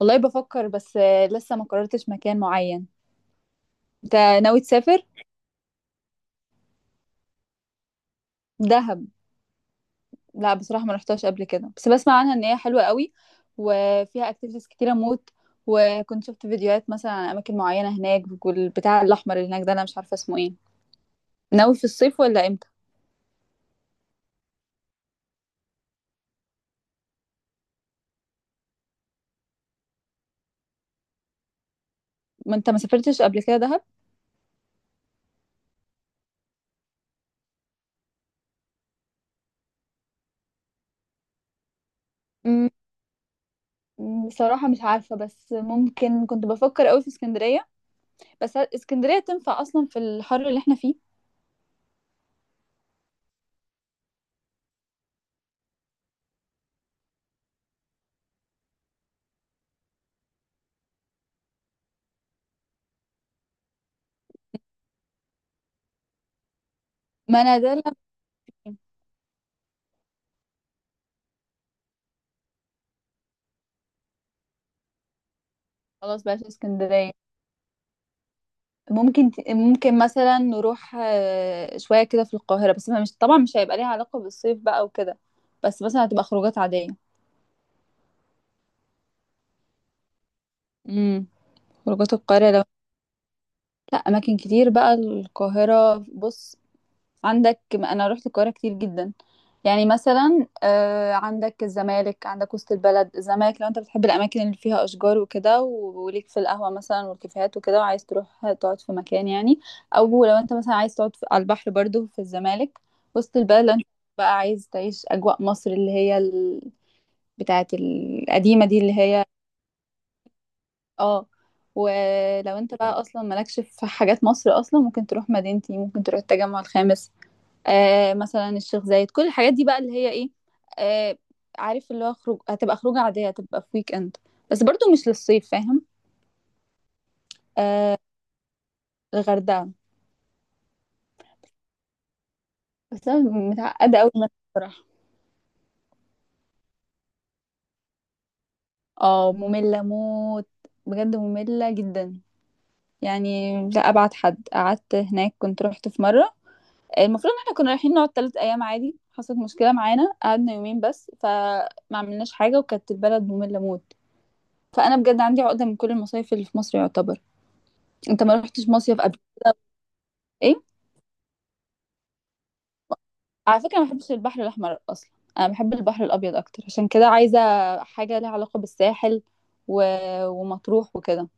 والله بفكر بس لسه ما قررتش مكان معين. انت ناوي تسافر دهب؟ لا بصراحة ما رحتهاش قبل كده، بس بسمع عنها ان هي حلوة قوي وفيها اكتيفيتيز كتيرة موت. وكنت شفت فيديوهات مثلا عن اماكن معينة هناك، والبتاع الاحمر اللي هناك ده انا مش عارفة اسمه ايه. ناوي في الصيف ولا امتى؟ ما انت ما سافرتش قبل كده دهب؟ مم، بصراحة مش عارفة، بس ممكن كنت بفكر قوي في اسكندرية. بس اسكندرية تنفع اصلا في الحر اللي احنا فيه؟ ما انا ده اللي- أنا- خلاص بقى اسكندرية. ممكن مثلا نروح شوية كده في القاهرة، بس ما مش طبعا مش هيبقى ليها علاقة بالصيف بقى وكده. بس مثلا هتبقى خروجات عادية. امم. خروجات القاهرة لو. لا أماكن كتير بقى القاهرة، بص. عندك، انا رحت القاهره كتير جدا. يعني مثلا عندك الزمالك، عندك وسط البلد. الزمالك لو انت بتحب الاماكن اللي فيها اشجار وكده وليك في القهوه مثلا والكافيهات وكده وعايز تروح تقعد في مكان يعني. او لو انت مثلا عايز على البحر برضو في الزمالك. وسط البلد لو انت بقى عايز تعيش اجواء مصر اللي هي بتاعه القديمه دي اللي هي. اه. ولو انت بقى اصلا مالكش في حاجات مصر اصلا، ممكن تروح مدينتي، ممكن تروح التجمع الخامس. مثلا الشيخ زايد، كل الحاجات دي بقى اللي هي ايه. آه. عارف اللي هو خروج، هتبقى خروجة عادية، هتبقى في ويك اند. بس برضو مش للصيف، فاهم. آه. الغردقة، بس انا متعقدة قوي منها بصراحة. اه، مملة موت. بجد مملة جدا. يعني لا، ابعد حد قعدت هناك كنت رحت في مرة. المفروض ان احنا كنا رايحين نقعد 3 ايام عادي، حصلت مشكلة معانا قعدنا يومين بس، فما عملناش حاجة وكانت البلد مملة موت. فانا بجد عندي عقدة من كل المصايف اللي في مصر يعتبر. انت ما رحتش مصيف قبل؟ ايه. على فكرة ما بحبش البحر الأحمر أصلا. أنا بحب البحر الأبيض أكتر، عشان كده عايزة حاجة ليها علاقة بالساحل و... ومطروح وكده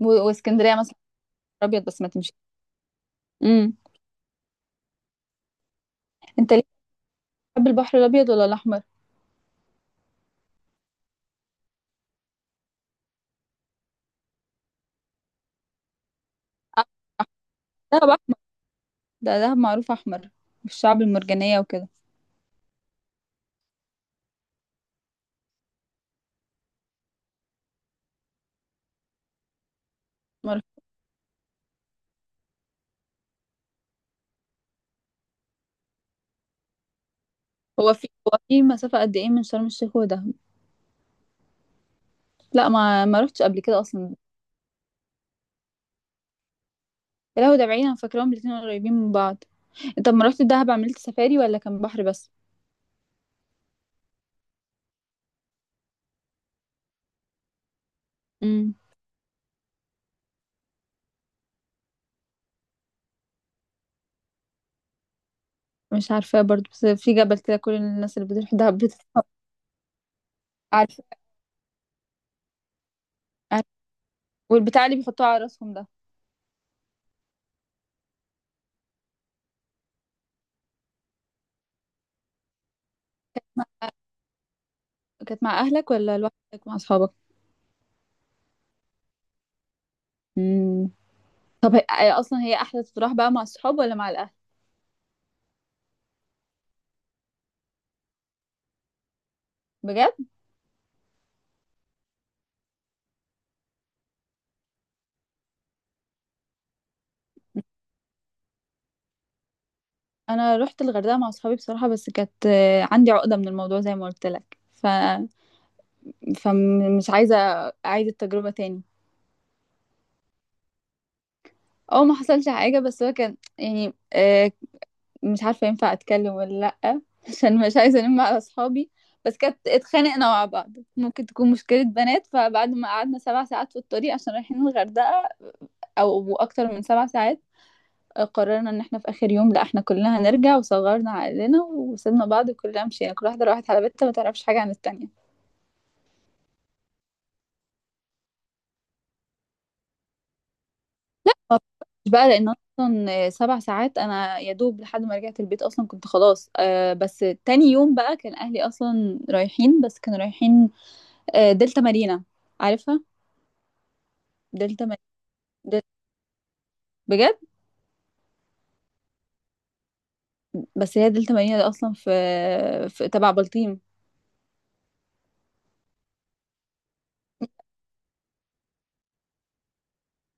واسكندرية مثلا. أبيض بس ما تمشي. امم. أنت ليه بتحب البحر الأبيض ولا الأحمر؟ آه، دهب أحمر. ده دهب معروف أحمر، والشعب المرجانية وكده. ما رحت- هو في مسافة قد إيه من شرم الشيخ ودهب؟ لا، ما رحتش قبل كده أصلا. يا لهوي، ده بعيد، أنا فاكراهم الاتنين قريبين من بعض. أنت لما رحت دهب عملت سفاري ولا كان بحر بس؟ مش عارفة برضو، بس في جبل كده كل الناس اللي بتروح ده بتتحط. عارفة. عارفة. والبتاع اللي بيحطوه على راسهم ده. كانت مع أهلك ولا لوحدك مع أصحابك؟ مم. طب هي أصلا، هي أحلى تروح بقى مع الصحاب ولا مع الأهل؟ بجد؟ أنا رحت الغردقة مع أصحابي بصراحة، بس كانت عندي عقدة من الموضوع زي ما قلت لك فمش عايزة أعيد التجربة تاني. أو ما حصلش حاجة، بس هو كان يعني مش عارفة ينفع أتكلم ولا. لأ عشان مش عايزة ألم على أصحابي. بس كانت اتخانقنا مع بعض. ممكن تكون مشكلة بنات، فبعد ما قعدنا 7 ساعات في الطريق عشان رايحين الغردقة، أو أكتر من 7 ساعات، قررنا إن احنا في آخر يوم لأ، احنا كلنا هنرجع وصغرنا عقلنا وسيبنا بعض وكلنا مشينا، كل واحدة راحت على بيتها ما تعرفش حاجة عن التانية. مش بقى، لان اصلا 7 ساعات انا يا دوب لحد ما رجعت البيت اصلا كنت خلاص بس تاني يوم بقى كان اهلي اصلا رايحين، بس كانوا رايحين دلتا مارينا. عارفها. دلتا مارينا. دل... بجد. بس هي دلتا مارينا دي اصلا في تبع بلطيم.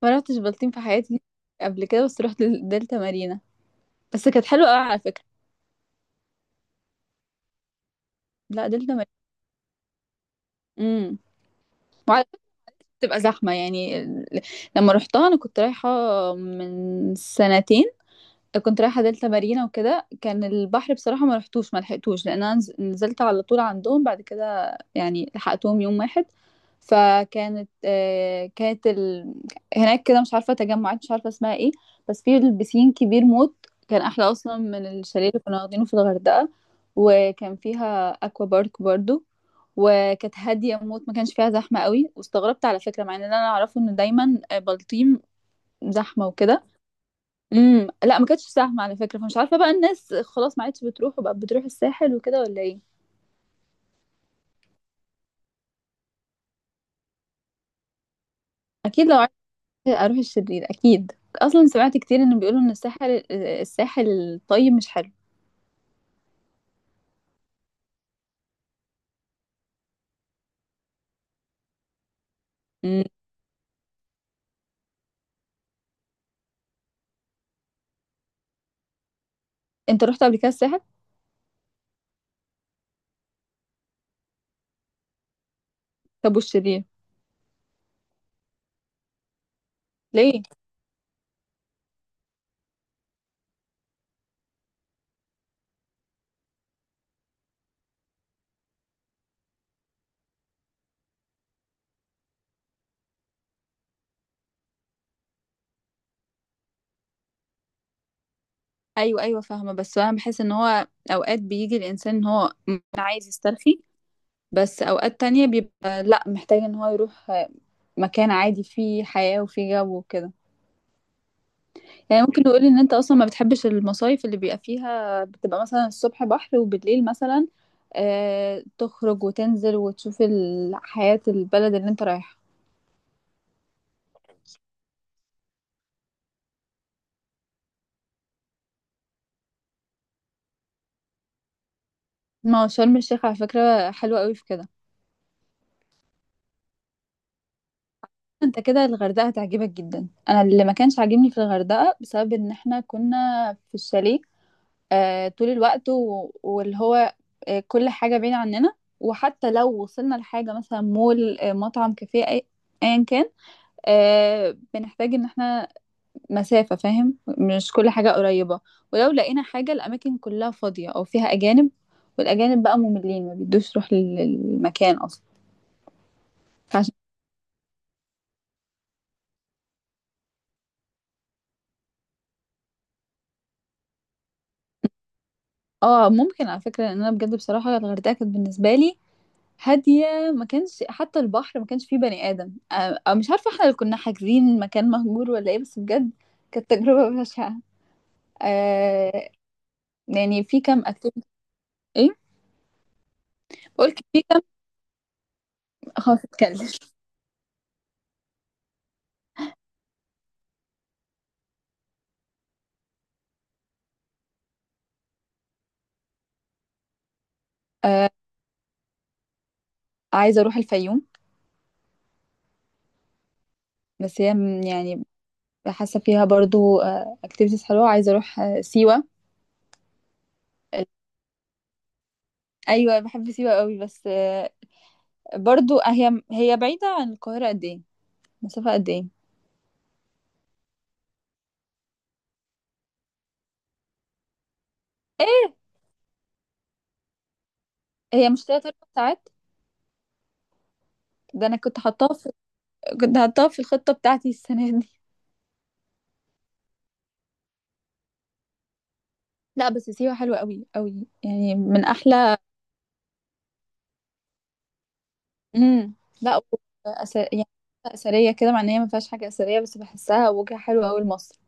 ما رحتش بلطيم في حياتي قبل كده، بس رحت دلتا مارينا. بس كانت حلوه قوي على فكره. لا، دلتا مارينا. امم. وعلى فكره بتبقى زحمه يعني لما رحتها انا كنت رايحه من سنتين. كنت رايحة دلتا مارينا وكده كان البحر، بصراحة ما رحتوش ما لحقتوش لأن أنا نزلت على طول عندهم، بعد كده يعني لحقتهم يوم واحد. فكانت آه، كانت ال... هناك كده، مش عارفة تجمعات مش عارفة اسمها ايه، بس في البسين كبير موت. كان أحلى أصلا من الشاليه اللي كنا واخدينه في الغردقة، وكان فيها أكوا بارك برضو. وكانت هادية موت، ما كانش فيها زحمة قوي، واستغربت على فكرة مع ان انا اعرفه ان دايما بلطيم زحمة وكده. امم. لا ما كانتش سهمة على فكرة، فمش عارفة بقى الناس خلاص ما عادش بتروح، وبقى بتروح الساحل وكده ولا ايه؟ اكيد، لو عايزة اروح الشرير اكيد. اصلا سمعت كتير ان بيقولوا ان الساحل الطيب مش حلو. امم. انت رحت قبل كده الساحل؟ طب والشرير؟ ليه؟ ايوه ايوه فاهمة، بس انا بحس ان هو اوقات بيجي الانسان ان هو عايز يسترخي، بس اوقات تانية بيبقى لا، محتاج ان هو يروح مكان عادي فيه حياة وفيه جو وكده. يعني ممكن نقول ان انت اصلا ما بتحبش المصايف اللي بيبقى فيها بتبقى مثلا الصبح بحر وبالليل مثلا تخرج وتنزل وتشوف حياة البلد اللي انت رايحها. ما هو شرم الشيخ على فكرة حلوة قوي في كده. انت كده الغردقة هتعجبك جدا. انا اللي ما كانش عاجبني في الغردقة بسبب ان احنا كنا في الشاليه طول الوقت واللي هو كل حاجة بعيدة عننا. وحتى لو وصلنا لحاجة مثلا مول مطعم كافيه ايا كان، بنحتاج ان احنا مسافة، فاهم، مش كل حاجة قريبة. ولو لقينا حاجة، الأماكن كلها فاضية أو فيها أجانب. والأجانب بقى مملين ما بيدوش روح للمكان أصلا. فعشان. اه ممكن على فكرة، لأن أنا بجد بصراحة الغردقة كانت بالنسبة لي هادية. ما كانش حتى البحر ما كانش فيه بني آدم مش عارفة احنا اللي كنا حاجزين مكان مهجور ولا ايه؟ بس بجد كانت تجربة بشعة. آه. يعني في كام اكتيفيتي؟ ايه. قلت في كام. خلاص، اتكلم. آه عايزة اروح الفيوم. بس هي يعني حاسه فيها برضو اكتيفيتيز حلوه. عايزه اروح سيوه. ايوه بحب سيوه قوي، بس برضو هي بعيده عن القاهره قد ايه، مسافه قد ايه؟ ايه. هي مش تلات اربع ساعات؟ ده انا كنت حطاها في، كنت حطاها في الخطه بتاعتي السنه دي. لا بس سيوه حلوه قوي قوي يعني من احلى. امم. لا. يعني اثريه كده، مع ان هي ما فيهاش حاجه اثريه، بس بحسها وجهه حلوه قوي لمصر.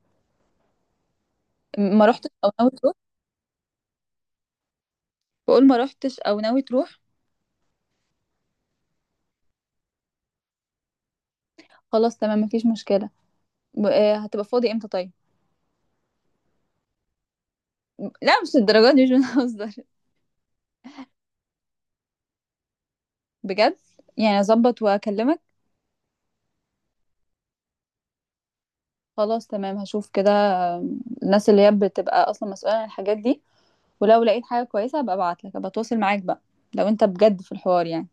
ما رحتش او ناوي تروح؟ بقول ما رحتش او ناوي تروح. خلاص تمام، مفيش مشكله. هتبقى فاضي امتى طيب؟ لا مش للدرجه دي، مش بنهزر بجد؟ يعني اظبط واكلمك. خلاص تمام، هشوف كده الناس اللي هي بتبقى اصلا مسؤوله عن الحاجات دي. ولو لقيت حاجه كويسه هبقى ابعت لك، هبقى اتواصل معاك بقى، لو انت بجد في الحوار يعني.